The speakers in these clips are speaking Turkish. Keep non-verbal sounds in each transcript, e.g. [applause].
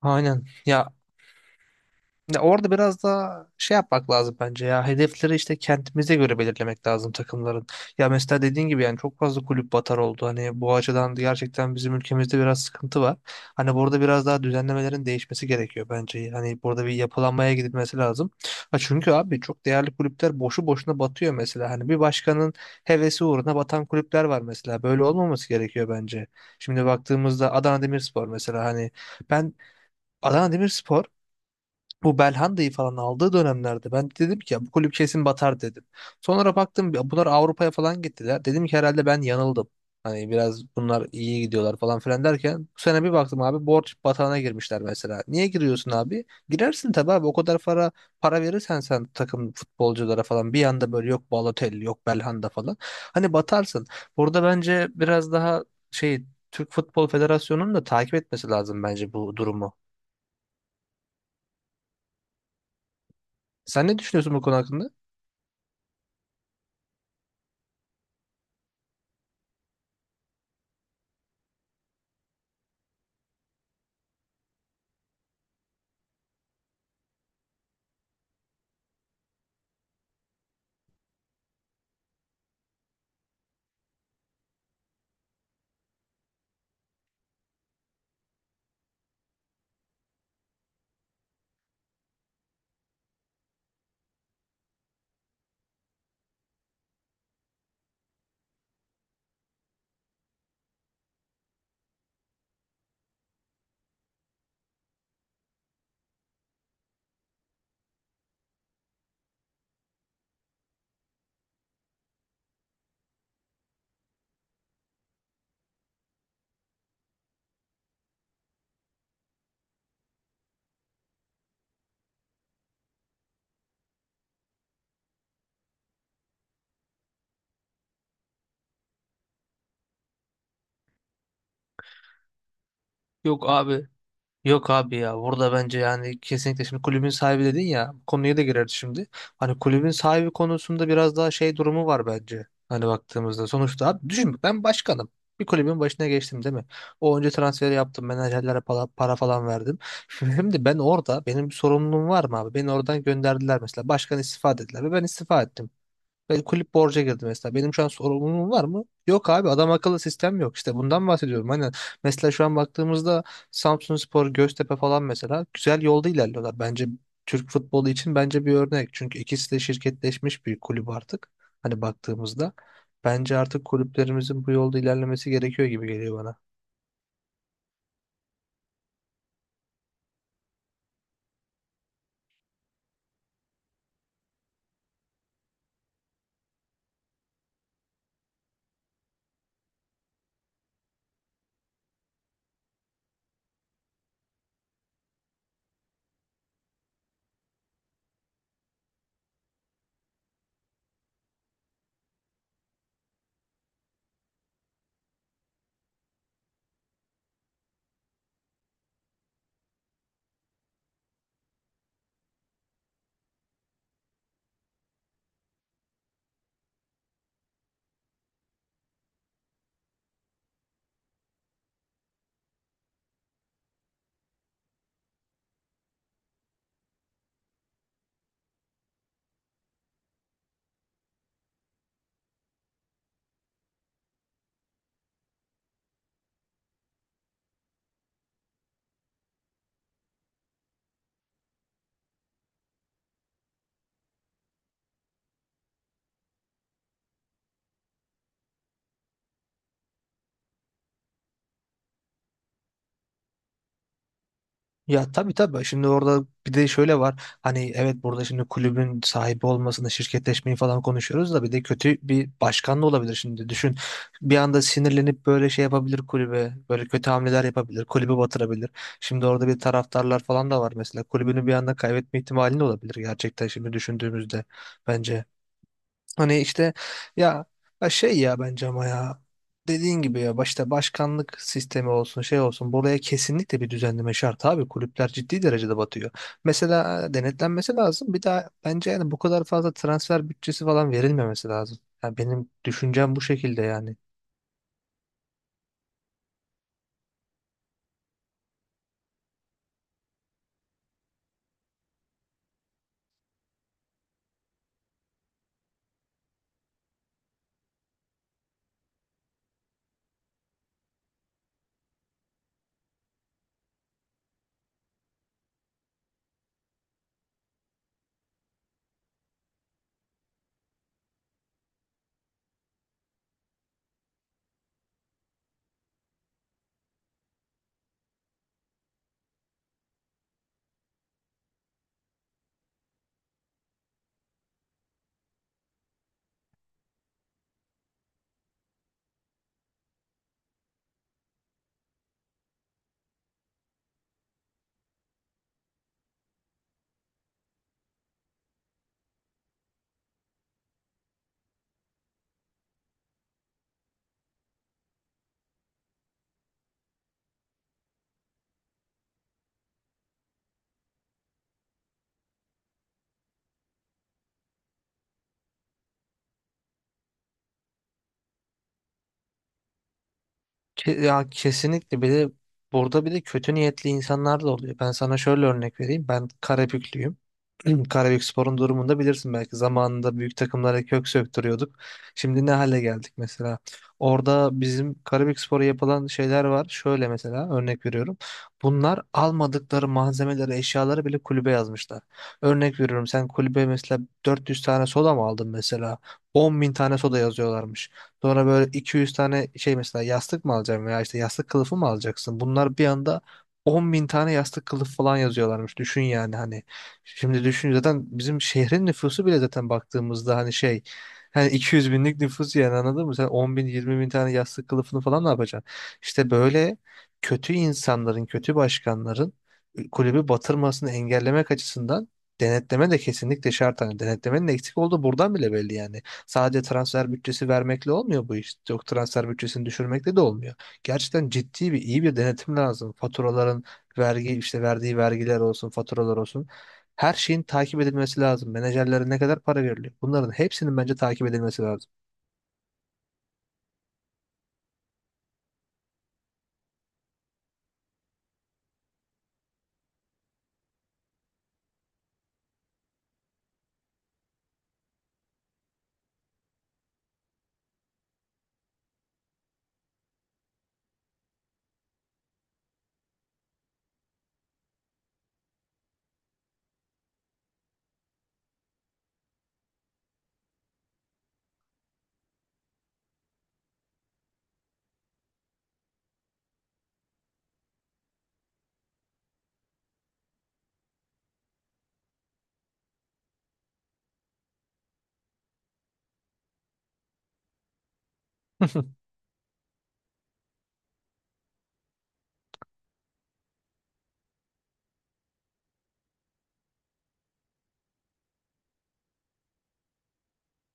Aynen. Ya, orada biraz daha şey yapmak lazım bence ya. Hedefleri işte kendimize göre belirlemek lazım takımların. Ya mesela dediğin gibi yani çok fazla kulüp batar oldu. Hani bu açıdan gerçekten bizim ülkemizde biraz sıkıntı var. Hani burada biraz daha düzenlemelerin değişmesi gerekiyor bence. Hani burada bir yapılanmaya gidilmesi lazım. Ha çünkü abi çok değerli kulüpler boşu boşuna batıyor mesela. Hani bir başkanın hevesi uğruna batan kulüpler var mesela. Böyle olmaması gerekiyor bence. Şimdi baktığımızda Adana Demirspor mesela hani ben Adana Demirspor bu Belhanda'yı falan aldığı dönemlerde ben dedim ki ya bu kulüp kesin batar dedim. Sonra baktım ya bunlar Avrupa'ya falan gittiler. Dedim ki herhalde ben yanıldım. Hani biraz bunlar iyi gidiyorlar falan filan derken bu sene bir baktım abi borç batağına girmişler mesela. Niye giriyorsun abi? Girersin tabii abi o kadar para verirsen sen takım futbolculara falan bir anda böyle yok Balotelli yok Belhanda falan. Hani batarsın. Burada bence biraz daha şey, Türk Futbol Federasyonu'nun da takip etmesi lazım bence bu durumu. Sen ne düşünüyorsun bu konu hakkında? Yok abi. Yok abi ya. Burada bence yani kesinlikle şimdi kulübün sahibi dedin ya. Bu konuya da girerdi şimdi. Hani kulübün sahibi konusunda biraz daha şey durumu var bence. Hani baktığımızda sonuçta abi düşün ben başkanım. Bir kulübün başına geçtim değil mi? O önce transferi yaptım. Menajerlere para falan verdim. [laughs] Şimdi ben orada benim bir sorumluluğum var mı abi? Beni oradan gönderdiler mesela. Başkan istifa dediler ve ben istifa ettim. Ve kulüp borca girdi mesela. Benim şu an sorumluluğum var mı? Yok abi, adam akıllı sistem yok. İşte bundan bahsediyorum. Hani mesela şu an baktığımızda Samsunspor, Göztepe falan mesela güzel yolda ilerliyorlar. Bence Türk futbolu için bence bir örnek. Çünkü ikisi de şirketleşmiş bir kulüp artık. Hani baktığımızda. Bence artık kulüplerimizin bu yolda ilerlemesi gerekiyor gibi geliyor bana. Ya tabii tabii. Şimdi orada bir de şöyle var. Hani evet, burada şimdi kulübün sahibi olmasını, şirketleşmeyi falan konuşuyoruz da bir de kötü bir başkan da olabilir şimdi. Düşün. Bir anda sinirlenip böyle şey yapabilir kulübe. Böyle kötü hamleler yapabilir. Kulübü batırabilir. Şimdi orada bir taraftarlar falan da var mesela. Kulübünü bir anda kaybetme ihtimali de olabilir gerçekten şimdi düşündüğümüzde bence. Hani işte ya, ya, bence ama ya dediğin gibi ya başta başkanlık sistemi olsun şey olsun buraya kesinlikle bir düzenleme şart abi, kulüpler ciddi derecede batıyor. Mesela denetlenmesi lazım bir daha bence. Yani bu kadar fazla transfer bütçesi falan verilmemesi lazım. Yani benim düşüncem bu şekilde yani. Ya kesinlikle, bir de burada bir de kötü niyetli insanlar da oluyor. Ben sana şöyle örnek vereyim, ben Karabüklüyüm. [clears throat] Karabükspor'un durumunu da bilirsin belki. Zamanında büyük takımlara kök söktürüyorduk. Şimdi ne hale geldik mesela. Orada bizim Karabükspor'a yapılan şeyler var. Şöyle mesela örnek veriyorum. Bunlar almadıkları malzemeleri, eşyaları bile kulübe yazmışlar. Örnek veriyorum, sen kulübe mesela 400 tane soda mı aldın mesela? 10 bin tane soda yazıyorlarmış. Sonra böyle 200 tane şey, mesela yastık mı alacaksın veya işte yastık kılıfı mı alacaksın? Bunlar bir anda 10 bin tane yastık kılıf falan yazıyorlarmış. Düşün yani hani. Şimdi düşün, zaten bizim şehrin nüfusu bile zaten baktığımızda hani şey, hani 200 binlik nüfus yani, anladın mı? Sen 10 bin 20 bin tane yastık kılıfını falan ne yapacaksın? İşte böyle kötü insanların, kötü başkanların kulübü batırmasını engellemek açısından denetleme de kesinlikle şart. Hani denetlemenin eksik olduğu buradan bile belli yani. Sadece transfer bütçesi vermekle olmuyor bu iş. Yok, transfer bütçesini düşürmekle de olmuyor. Gerçekten ciddi bir iyi bir denetim lazım. Faturaların, vergi, işte verdiği vergiler olsun, faturalar olsun. Her şeyin takip edilmesi lazım. Menajerlere ne kadar para veriliyor? Bunların hepsinin bence takip edilmesi lazım.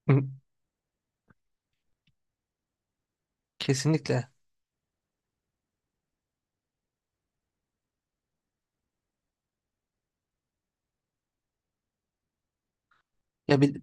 [laughs] Kesinlikle. Ya bil-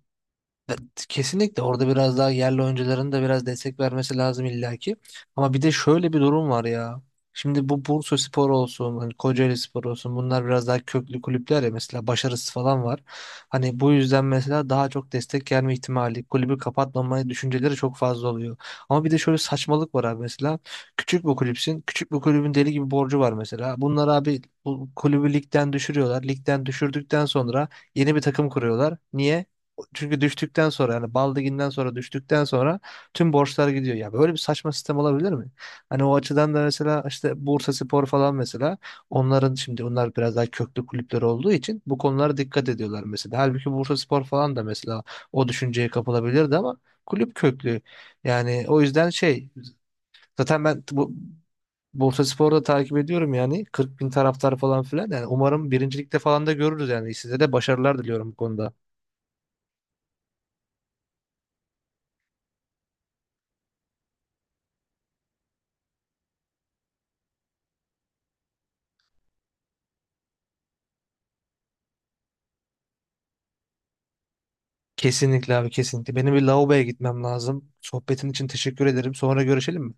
Kesinlikle orada biraz daha yerli oyuncuların da biraz destek vermesi lazım illaki. Ama bir de şöyle bir durum var ya. Şimdi bu Bursaspor olsun, hani Kocaelispor olsun, bunlar biraz daha köklü kulüpler ya mesela, başarısı falan var. Hani bu yüzden mesela daha çok destek gelme ihtimali, kulübü kapatmama düşünceleri çok fazla oluyor. Ama bir de şöyle saçmalık var abi mesela. Küçük bir kulüpsün. Küçük bir kulübün deli gibi borcu var mesela. Bunlar abi bu kulübü ligden düşürüyorlar. Ligden düşürdükten sonra yeni bir takım kuruyorlar. Niye? Çünkü düştükten sonra, yani Baldigin'den sonra, düştükten sonra tüm borçlar gidiyor. Ya böyle bir saçma sistem olabilir mi? Hani o açıdan da mesela işte Bursaspor falan mesela, onların şimdi onlar biraz daha köklü kulüpler olduğu için bu konulara dikkat ediyorlar mesela. Halbuki Bursaspor falan da mesela o düşünceye kapılabilirdi ama kulüp köklü. Yani o yüzden şey, zaten ben bu Bursaspor'u da takip ediyorum yani, 40 bin taraftar falan filan yani, umarım birincilikte falan da görürüz yani, size de başarılar diliyorum bu konuda. Kesinlikle abi kesinlikle. Benim bir lavaboya gitmem lazım. Sohbetin için teşekkür ederim. Sonra görüşelim mi?